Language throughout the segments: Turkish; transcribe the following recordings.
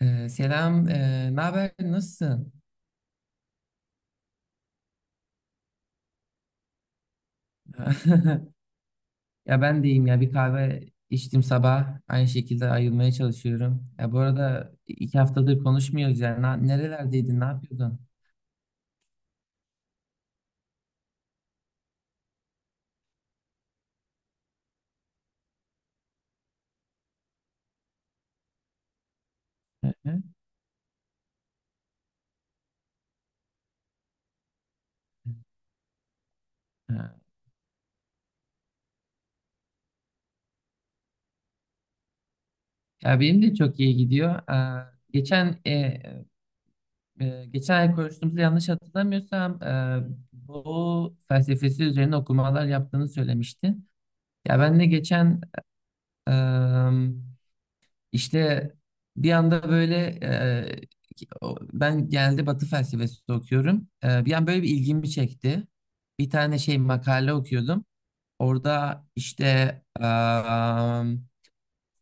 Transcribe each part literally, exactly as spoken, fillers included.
Ee, selam, ee, ne haber? Nasılsın? Ya ben deyim ya bir kahve içtim sabah. Aynı şekilde ayılmaya çalışıyorum. Ya bu arada iki haftadır konuşmuyoruz yani. Na- nerelerdeydin? Ne yapıyordun? Hı hı. Ha. Ya benim de çok iyi gidiyor. Aa, geçen e, e, Geçen ay konuştuğumuzda yanlış hatırlamıyorsam, e, bu felsefesi üzerine okumalar yaptığını söylemiştin. Ya ben de geçen İşte bir anda böyle, e, o- ben genelde Batı felsefesi okuyorum. E, bir an böyle bir ilgimi çekti. Bir tane şey makale okuyordum. Orada işte em,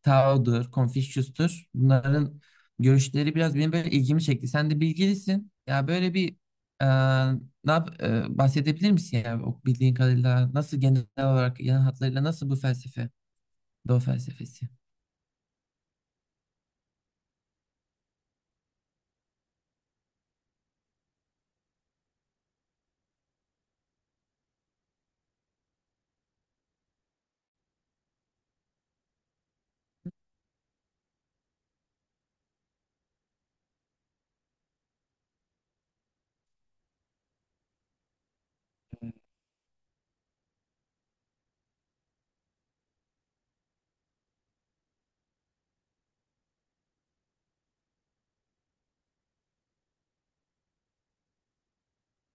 Tao'dur, Confucius'tur. Bunların görüşleri biraz benim böyle ilgimi çekti. Sen de bilgilisin. Ya böyle bir, e, ne yap- e, bahsedebilir misin ya, o bildiğin kadarıyla nasıl, genel olarak, genel hatlarıyla nasıl bu felsefe, Doğu felsefesi?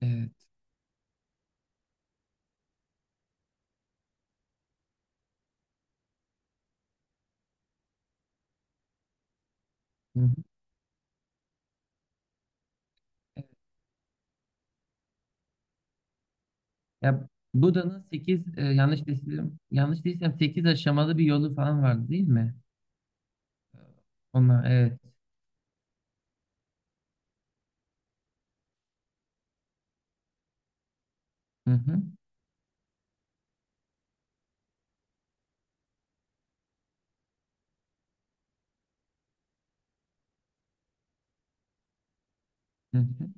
Evet. Hı hı. Ya Buda'nın sekiz, yanlış değilsem yanlış değilsem sekiz aşamalı bir yolu falan vardı değil mi? Onlar evet. Hı hı, hı hı,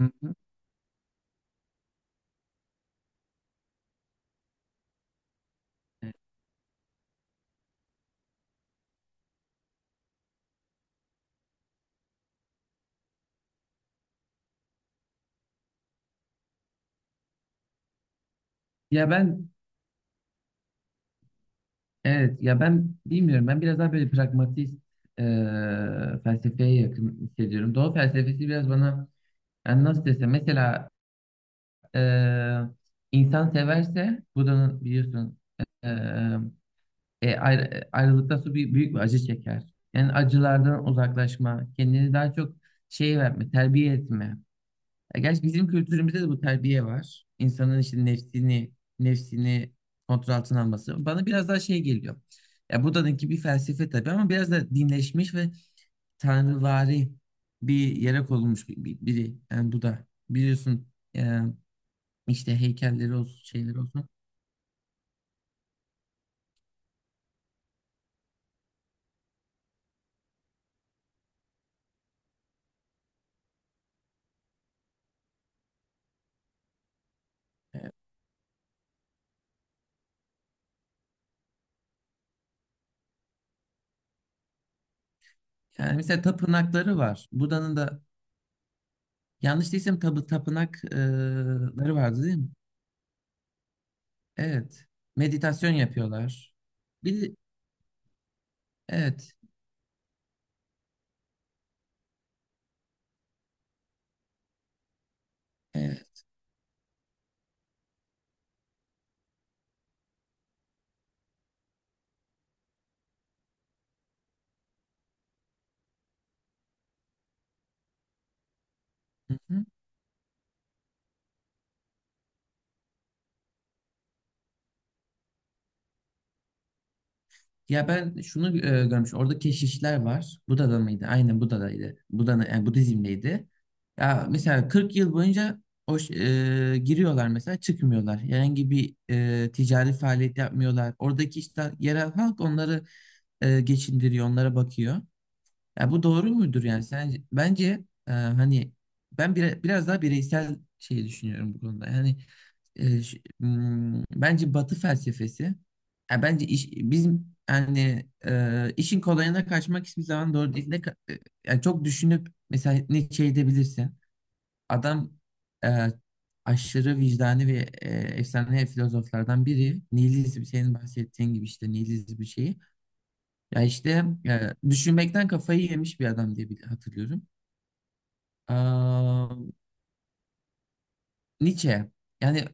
hı hı. Ya ben evet ya ben bilmiyorum, ben biraz daha böyle pragmatist e, felsefeye yakın hissediyorum. Doğu felsefesi biraz bana, yani nasıl desem, mesela, e, insan severse Buda'nın biliyorsun, e, E, ayrı- e, ayrılıktan sonra bir, büyük bir acı çeker. Yani acılardan uzaklaşma, kendini daha çok şey verme, terbiye etme. Ya gerçi bizim kültürümüzde de bu terbiye var. İnsanın işte nefsini, nefsini kontrol altına alması. Bana biraz daha şey geliyor. Ya Buda'nınki bir felsefe tabii, ama biraz da dinleşmiş ve tanrıvari bir yere konulmuş bir, bir- biri. Yani Buda. Biliyorsun, e, işte heykelleri olsun, şeyleri olsun. Yani mesela tapınakları var. Buda'nın da, yanlış değilsem, tabı, tapınakları vardı değil mi? Evet. Meditasyon yapıyorlar. Bir, evet. Evet. Hı-hı. Ya ben şunu e, görmüş. Orada keşişler var. Buda'da mıydı? Aynen Buda'daydı. Buda'nın yani Budizm'deydi. Ya mesela kırk yıl boyunca o ş- e, giriyorlar mesela, çıkmıyorlar. Herhangi bir e, ticari faaliyet yapmıyorlar. Oradaki işte yerel halk onları e, geçindiriyor, onlara bakıyor. Ya bu doğru mudur yani sence? Bence, e, hani, ben bire- biraz daha bireysel şeyi düşünüyorum bu konuda. Yani, e, ş- m, bence Batı felsefesi, ya bence iş, bizim yani, e, işin kolayına kaçmak hiçbir zaman doğru değil. Ne, ka- e, yani çok düşünüp mesela ne şey edebilirsin. Adam e, aşırı vicdani ve e, efsane filozoflardan biri. Nihilizm, senin bahsettiğin gibi işte, nihilizm bir şeyi. Ya işte, e, düşünmekten kafayı yemiş bir adam diye bili- hatırlıyorum. Aa, Nietzsche. Yani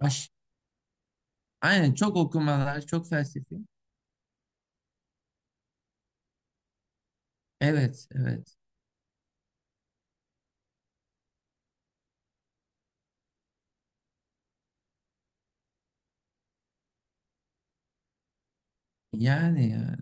aş- aynen, çok okumalar, çok felsefi. Evet, evet. Yani ya.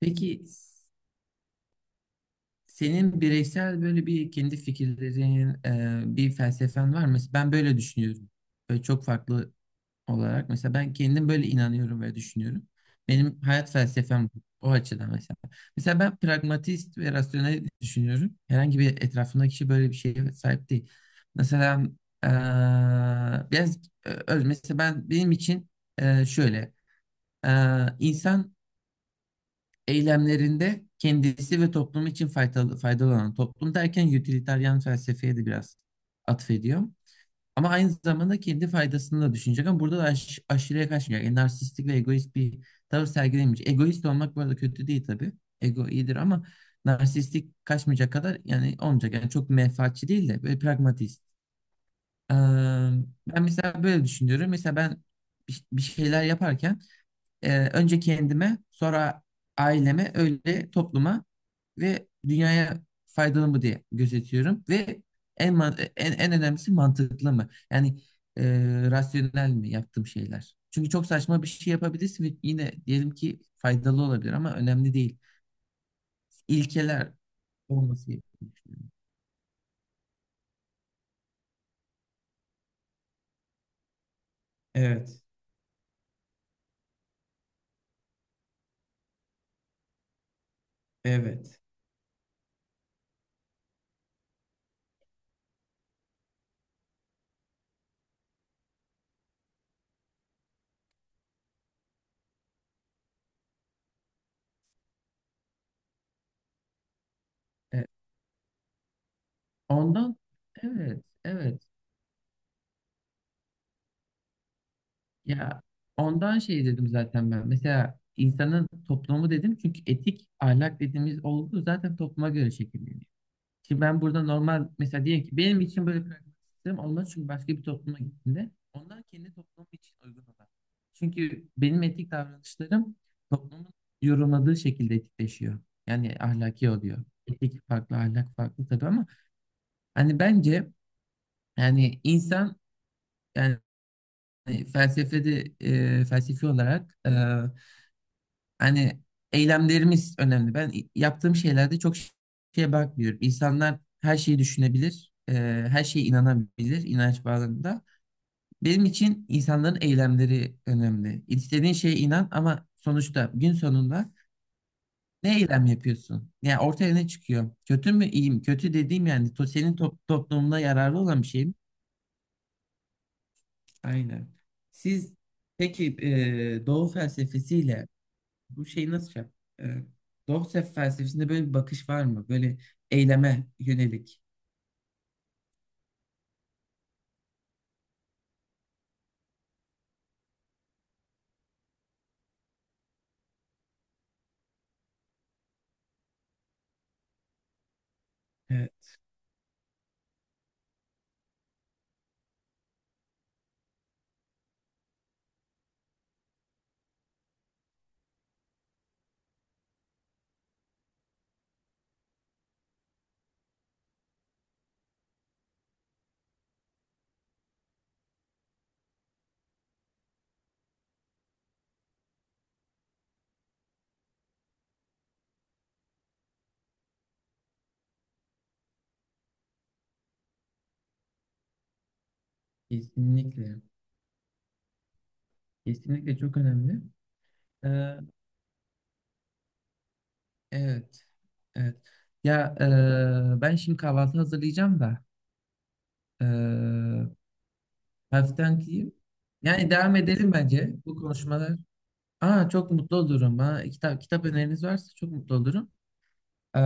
Peki s- senin bireysel böyle bir kendi fikirlerin, e, bir felsefen var mı? Mesela ben böyle düşünüyorum. Böyle çok farklı olarak. Mesela ben kendim böyle inanıyorum ve düşünüyorum. Benim hayat felsefem bu, o açıdan mesela. Mesela ben pragmatist ve rasyonel düşünüyorum. Herhangi bir etrafındaki kişi böyle bir şeye sahip değil. Mesela eee, biraz, eee, öz- mesela ben, benim için, eee, şöyle, eee, insan eylemlerinde kendisi ve toplum için faydalı faydalı olan, toplum derken utilitarian felsefeye de biraz atfediyor. Ama aynı zamanda kendi faydasını da düşünecek, ama burada da aş aşırıya kaçmayacak. Yani narsistik ve egoist bir tavır sergilemeyecek. Egoist olmak bu arada kötü değil tabii. Ego iyidir, ama narsistik kaçmayacak kadar yani olmayacak. Yani çok menfaatçi değil de böyle pragmatist. Ee, Ben mesela böyle düşünüyorum. Mesela ben bir bir şeyler yaparken, ee, önce kendime, sonra aileme, öyle topluma ve dünyaya faydalı mı diye gözetiyorum ve en man- en, en önemlisi, mantıklı mı? Yani, e, rasyonel mi yaptığım şeyler? Çünkü çok saçma bir şey yapabilirsin ve yine, diyelim ki, faydalı olabilir ama önemli değil. İlkeler olması gerekiyor. Evet, evet. E, Ondan, evet, evet. Ya ondan şey dedim zaten ben. Mesela insanın toplumu dedim, çünkü etik ahlak dediğimiz olgu zaten topluma göre şekilleniyor. Şimdi ben burada normal, mesela diyelim ki, benim için böyle pragmatik sistem olmaz, çünkü başka bir topluma gittiğinde onlar kendi toplumu için uygun olan. Çünkü benim etik davranışlarım toplumun yorumladığı şekilde etikleşiyor. Yani ahlaki oluyor. Etik farklı, ahlak farklı tabii, ama hani bence, yani insan, yani felsefede, e, felsefi olarak, hani eylemlerimiz önemli. Ben i- yaptığım şeylerde çok ş- şeye bakmıyorum. İnsanlar her şeyi düşünebilir, e, her şeye inanabilir, inanç bağlamında. Benim için insanların eylemleri önemli. İstediğin şeye inan, ama sonuçta gün sonunda ne eylem yapıyorsun? Yani ortaya ne çıkıyor? Kötü mü, iyi mi? Kötü dediğim, yani, to senin top toplumuna yararlı olan bir şey mi? Aynen. Siz peki, e, Doğu felsefesiyle bu şeyi nasıl şey yap? E, Dostoyev felsefesinde böyle bir bakış var mı? Böyle eyleme yönelik. Evet, kesinlikle. Kesinlikle çok önemli. E, evet. Evet. Ya, e, ben şimdi kahvaltı hazırlayacağım da, e, hafiften kıyım. Yani devam edelim bence bu konuşmalar. Aa, çok mutlu olurum. Ha, kitap, kitap öneriniz varsa çok mutlu olurum. Ee,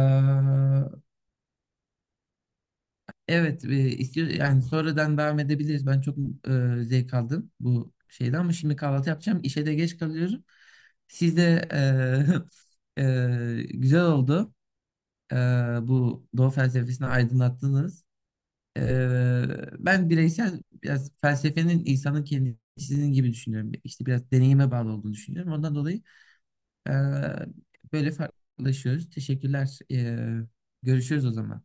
Evet, e, istiyor yani sonradan devam edebiliriz. Ben çok e, zevk aldım bu şeyden, ama şimdi kahvaltı yapacağım. İşe de geç kalıyorum. Siz de e, e, güzel oldu. E, Bu Doğu felsefesini aydınlattınız. E, Ben bireysel biraz felsefenin insanın kendisi gibi düşünüyorum. İşte biraz deneyime bağlı olduğunu düşünüyorum. Ondan dolayı, e, böyle farklılaşıyoruz. Teşekkürler. E, görüşürüz o zaman.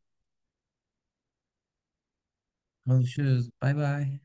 Konuşuyoruz. Bay bay.